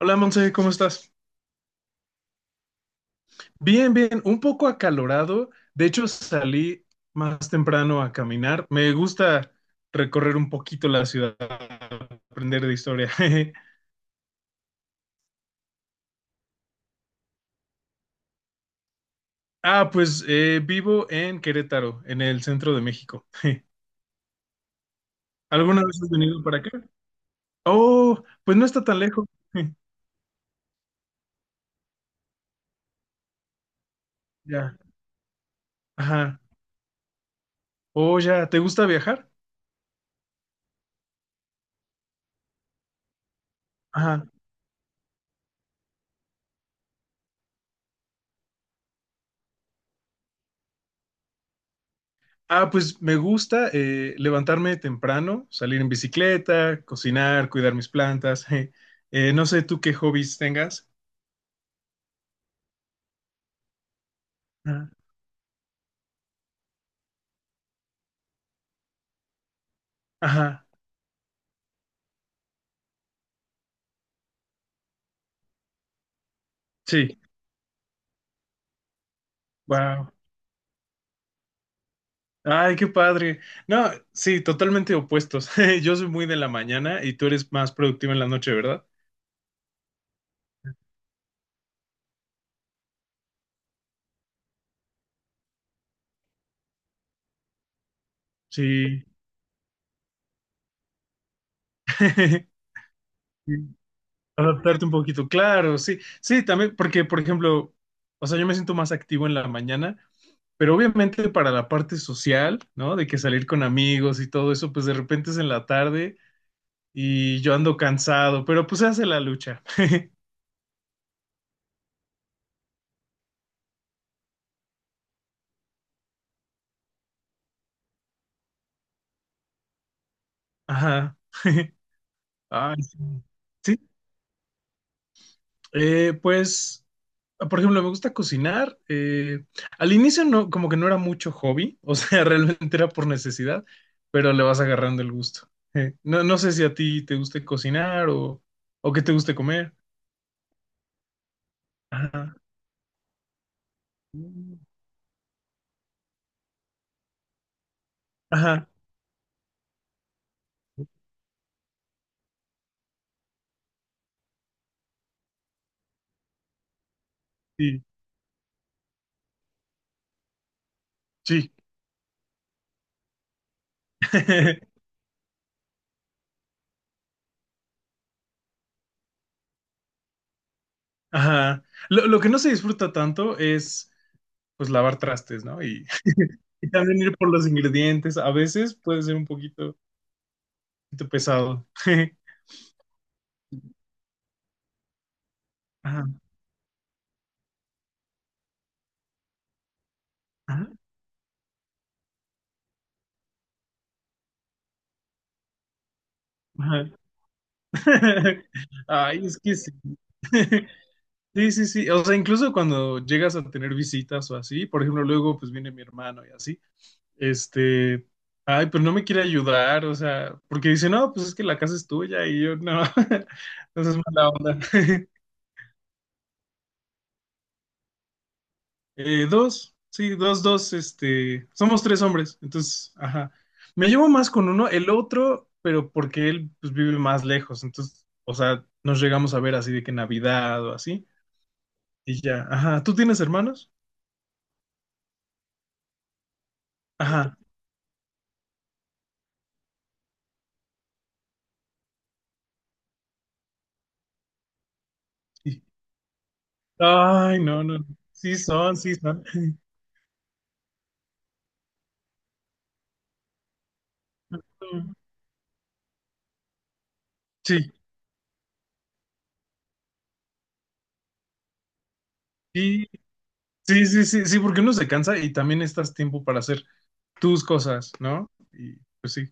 Hola Monse, ¿cómo estás? Bien, bien, un poco acalorado. De hecho, salí más temprano a caminar. Me gusta recorrer un poquito la ciudad, aprender de historia. Ah, pues vivo en Querétaro, en el centro de México. ¿Alguna vez has venido para acá? Oh, pues no está tan lejos. Ya, ajá. Oh, ya, ¿te gusta viajar? Ajá. Ah, pues me gusta levantarme temprano, salir en bicicleta, cocinar, cuidar mis plantas. No sé tú qué hobbies tengas. Ah, ajá, sí, wow. Ay, qué padre. No, sí, totalmente opuestos. Yo soy muy de la mañana y tú eres más productivo en la noche, ¿verdad? Sí. Adaptarte un poquito, claro, sí. Sí, también, porque, por ejemplo, o sea, yo me siento más activo en la mañana. Pero obviamente para la parte social, ¿no? De que salir con amigos y todo eso, pues de repente es en la tarde y yo ando cansado, pero pues se hace la lucha. Ajá. Ay, sí. Sí, pues, por ejemplo, me gusta cocinar. Al inicio no, como que no era mucho hobby, o sea, realmente era por necesidad, pero le vas agarrando el gusto. No, no sé si a ti te guste cocinar o qué te guste comer. Ajá. Ajá, sí, sí. Ajá. Lo que no se disfruta tanto es, pues, lavar trastes, ¿no? Y también ir por los ingredientes. A veces puede ser un poquito, poquito pesado. Ajá, ajá, ajá. Ay, es que sí. Sí, sí, sí. O sea, incluso cuando llegas a tener visitas o así, por ejemplo, luego pues viene mi hermano y así, este, ay, pues no me quiere ayudar, o sea, porque dice, no, pues es que la casa es tuya y yo no, entonces mala onda. Dos, sí, dos, dos, este, somos tres hombres, entonces, ajá. Me llevo más con uno, el otro, pero porque él pues, vive más lejos, entonces, o sea, nos llegamos a ver así de que Navidad o así, y ya, ajá. ¿Tú tienes hermanos? Ajá, sí. Ay, no, no, sí son, sí son. Sí, sí, sí, sí, sí, sí, porque uno se cansa y también estás tiempo para hacer tus cosas, ¿no? Y pues sí.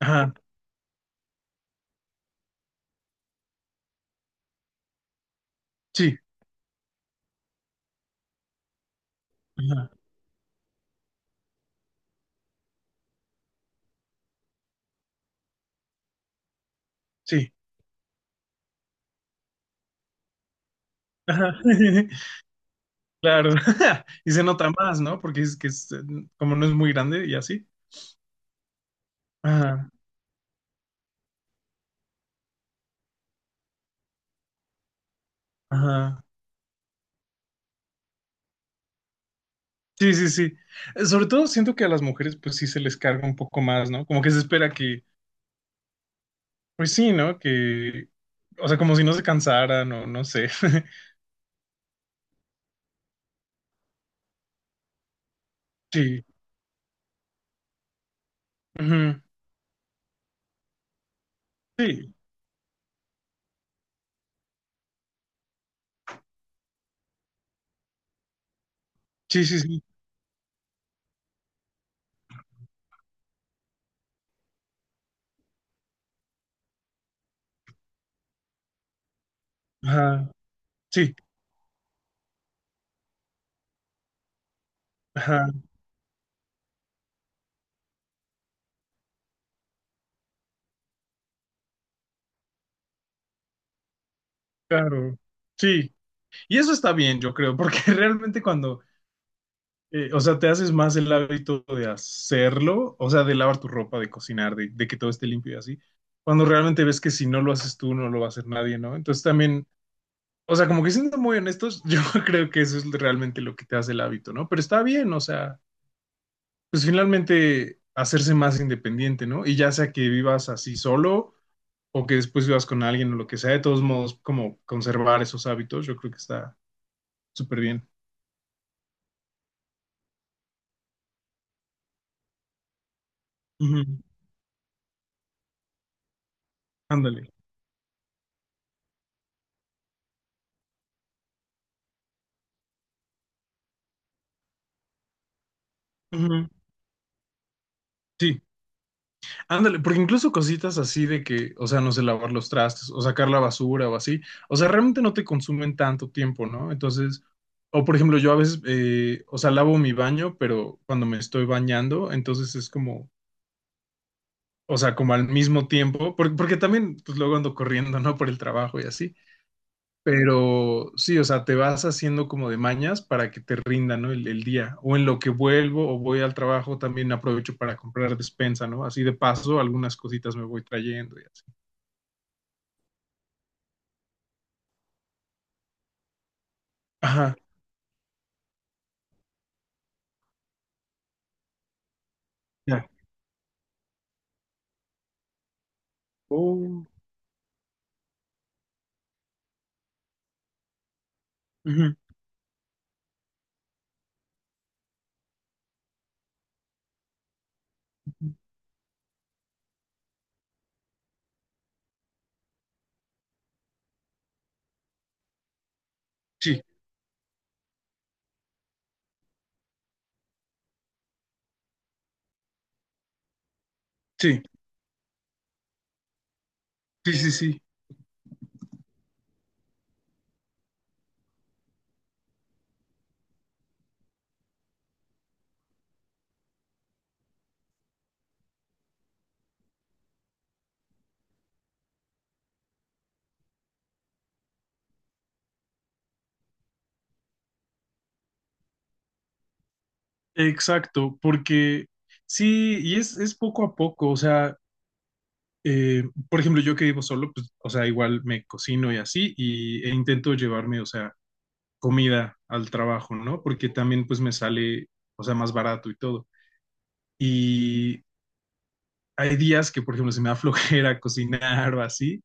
Ajá, sí, ajá, sí, ajá. Claro, y se nota más, ¿no? Porque es que es, como no es muy grande y así. Ajá, ajá. Sí, sí, sí. Sobre todo siento que a las mujeres pues sí se les carga un poco más, ¿no? Como que se espera que, pues sí, ¿no? Que, o sea, como si no se cansaran o no sé. Sí, ujú, sí, sí, sí, sí. Ajá, sí, ajá, claro. Sí, y eso está bien, yo creo, porque realmente cuando o sea, te haces más el hábito de hacerlo, o sea, de lavar tu ropa, de cocinar, de que todo esté limpio y así, cuando realmente ves que si no lo haces tú, no lo va a hacer nadie, ¿no? Entonces también, o sea, como que siendo muy honestos, yo creo que eso es realmente lo que te hace el hábito, ¿no? Pero está bien, o sea, pues finalmente hacerse más independiente, ¿no? Y ya sea que vivas así solo o que después vivas con alguien o lo que sea, de todos modos, como conservar esos hábitos, yo creo que está súper bien. Ujú, ándale. Ujú, sí. Ándale, porque incluso cositas así de que, o sea, no sé, lavar los trastes o sacar la basura o así, o sea, realmente no te consumen tanto tiempo, ¿no? Entonces, o por ejemplo, yo a veces, o sea, lavo mi baño, pero cuando me estoy bañando, entonces es como, o sea, como al mismo tiempo, porque, porque también, pues luego ando corriendo, ¿no? Por el trabajo y así. Pero sí, o sea, te vas haciendo como de mañas para que te rinda, ¿no? El día. O en lo que vuelvo o voy al trabajo, también aprovecho para comprar despensa, ¿no? Así de paso, algunas cositas me voy trayendo y así. Ajá, ya. Oh, ujú. Sí, sí, sí, sí, sí, exacto, porque sí, y es poco a poco, o sea, por ejemplo, yo que vivo solo, pues, o sea, igual me cocino y así, e intento llevarme, o sea, comida al trabajo, ¿no? Porque también pues me sale, o sea, más barato y todo. Y hay días que, por ejemplo, se me da flojera cocinar o así,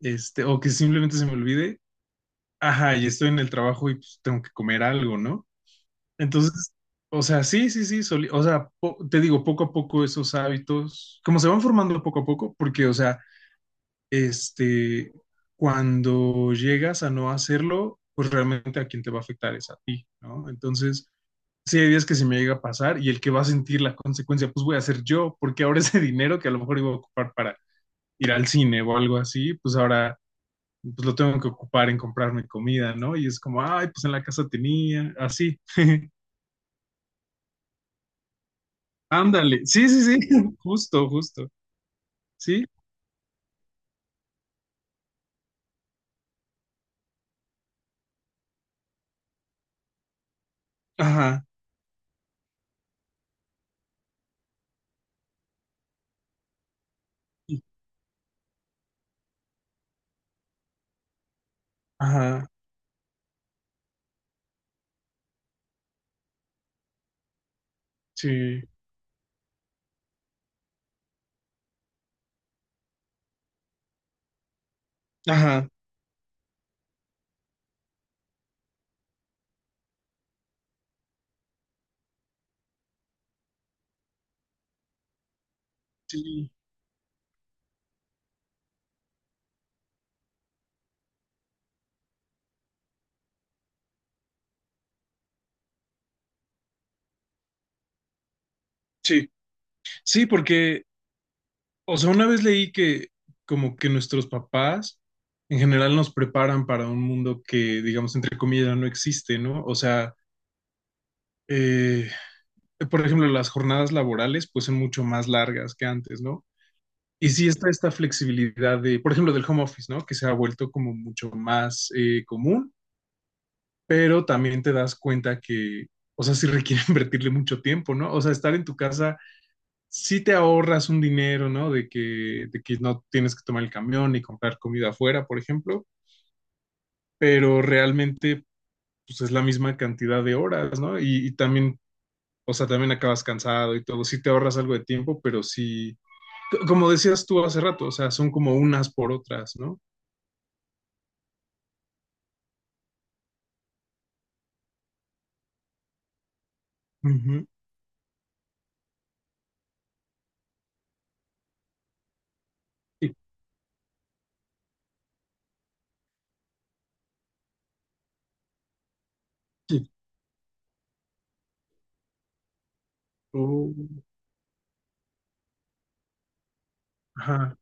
este, o que simplemente se me olvide, ajá, y estoy en el trabajo y pues, tengo que comer algo, ¿no? Entonces, o sea, sí, sí, sí, o sea, te digo, poco a poco esos hábitos, como se van formando poco a poco, porque, o sea, este, cuando llegas a no hacerlo, pues realmente a quien te va a afectar es a ti, ¿no? Entonces, sí hay días que se me llega a pasar y el que va a sentir la consecuencia, pues voy a ser yo, porque ahora ese dinero que a lo mejor iba a ocupar para ir al cine o algo así, pues ahora pues lo tengo que ocupar en comprarme comida, ¿no? Y es como, ay, pues en la casa tenía, así. Ándale, sí, sí, sí, justo, justo, ¿sí? Ajá, ajá, sí, ajá, sí, sí, sí, porque o sea, una vez leí que como que nuestros papás en general nos preparan para un mundo que, digamos, entre comillas, no existe, ¿no? O sea, eh, por ejemplo, las jornadas laborales pues son mucho más largas que antes, ¿no? Y sí está esta flexibilidad de, por ejemplo, del home office, ¿no? Que se ha vuelto como mucho más común, pero también te das cuenta que, o sea, sí requiere invertirle mucho tiempo, ¿no? O sea, estar en tu casa sí te ahorras un dinero, ¿no? De que no tienes que tomar el camión y comprar comida afuera, por ejemplo, pero realmente pues es la misma cantidad de horas, ¿no? Y también, o sea, también acabas cansado y todo, sí te ahorras algo de tiempo, pero sí, como decías tú hace rato, o sea, son como unas por otras, ¿no? Ujú. Sí. y- oh, ajá,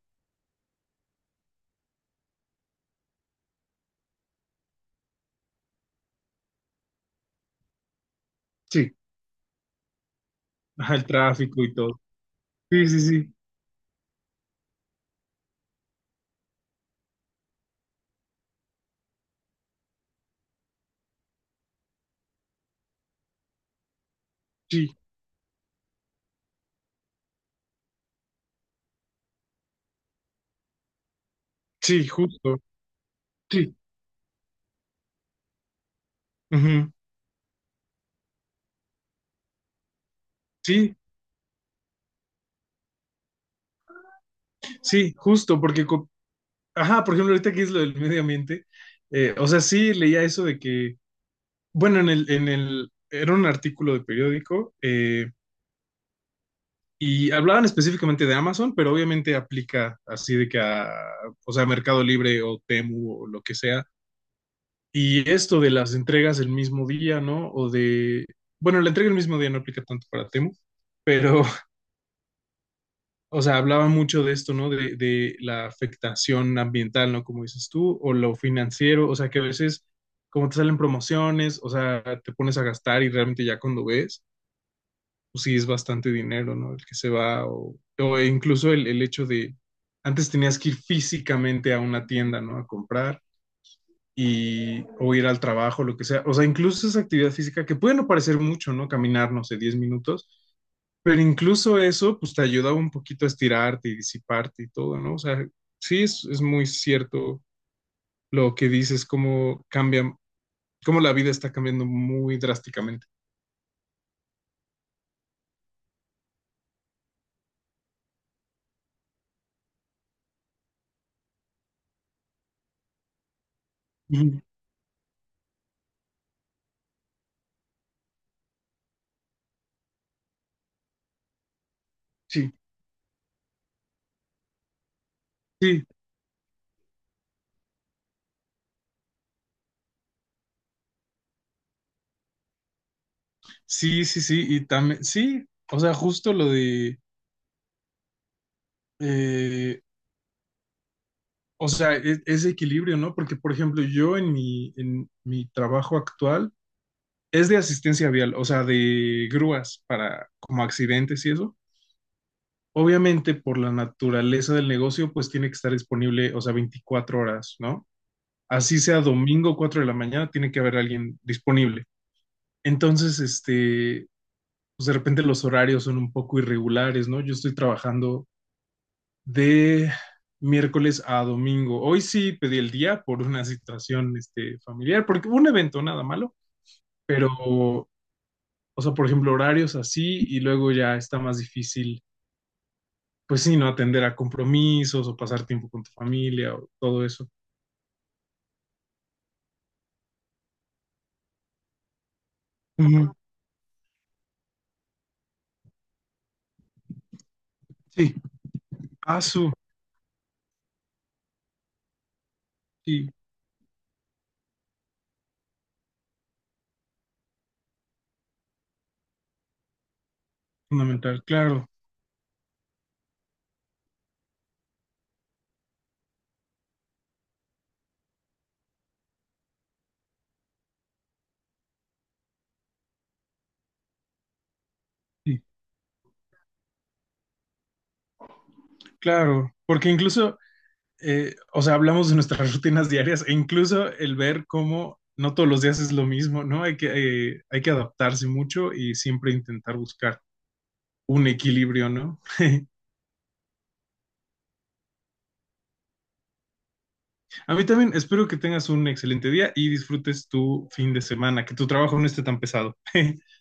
sí, ajá, el tráfico y todo. Sí, sí, sí, sí, sí, justo, sí, ujú, sí, sí, justo, porque ajá, por ejemplo, ahorita que es lo del medio ambiente, o sea, sí leía eso de que, bueno, era un artículo de periódico y hablaban específicamente de Amazon, pero obviamente aplica así de que a, o sea, Mercado Libre o Temu o lo que sea. Y esto de las entregas el mismo día, ¿no? O de, bueno, la entrega el mismo día no aplica tanto para Temu, pero o sea, hablaba mucho de esto, ¿no? De la afectación ambiental, ¿no? Como dices tú, o lo financiero, o sea, que a veces, como te salen promociones, o sea, te pones a gastar y realmente ya cuando ves, pues sí es bastante dinero, ¿no? El que se va, o incluso el hecho de, antes tenías que ir físicamente a una tienda, ¿no? A comprar, y, o ir al trabajo, lo que sea. O sea, incluso esa actividad física, que puede no parecer mucho, ¿no? Caminar, no sé, 10 minutos, pero incluso eso, pues te ayuda un poquito a estirarte y disiparte y todo, ¿no? O sea, sí es muy cierto lo que dices, cómo cambia, cómo la vida está cambiando muy drásticamente. Ujú. Sí, sí, sí, sí, sí, y también, sí, o sea, justo lo de, eh, o sea, ese equilibrio, ¿no? Porque, por ejemplo, yo en mi trabajo actual, es de asistencia vial, o sea, de grúas para como accidentes y eso. Obviamente, por la naturaleza del negocio, pues tiene que estar disponible, o sea, 24 horas, ¿no? Así sea domingo 4 de la mañana, tiene que haber alguien disponible. Entonces, este, pues de repente los horarios son un poco irregulares, ¿no? Yo estoy trabajando de miércoles a domingo. Hoy sí pedí el día por una situación, este, familiar, porque hubo un evento nada malo, pero o sea, por ejemplo, horarios así y luego ya está más difícil, pues sí, no atender a compromisos o pasar tiempo con tu familia o todo eso. Ujú, sí, ASU, sí, fundamental, claro, sí, claro, porque incluso, o sea, hablamos de nuestras rutinas diarias e incluso el ver cómo no todos los días es lo mismo, ¿no? Hay que adaptarse mucho y siempre intentar buscar un equilibrio, ¿no? A mí también, espero que tengas un excelente día y disfrutes tu fin de semana, que tu trabajo no esté tan pesado.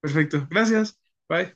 Perfecto, gracias. Bye.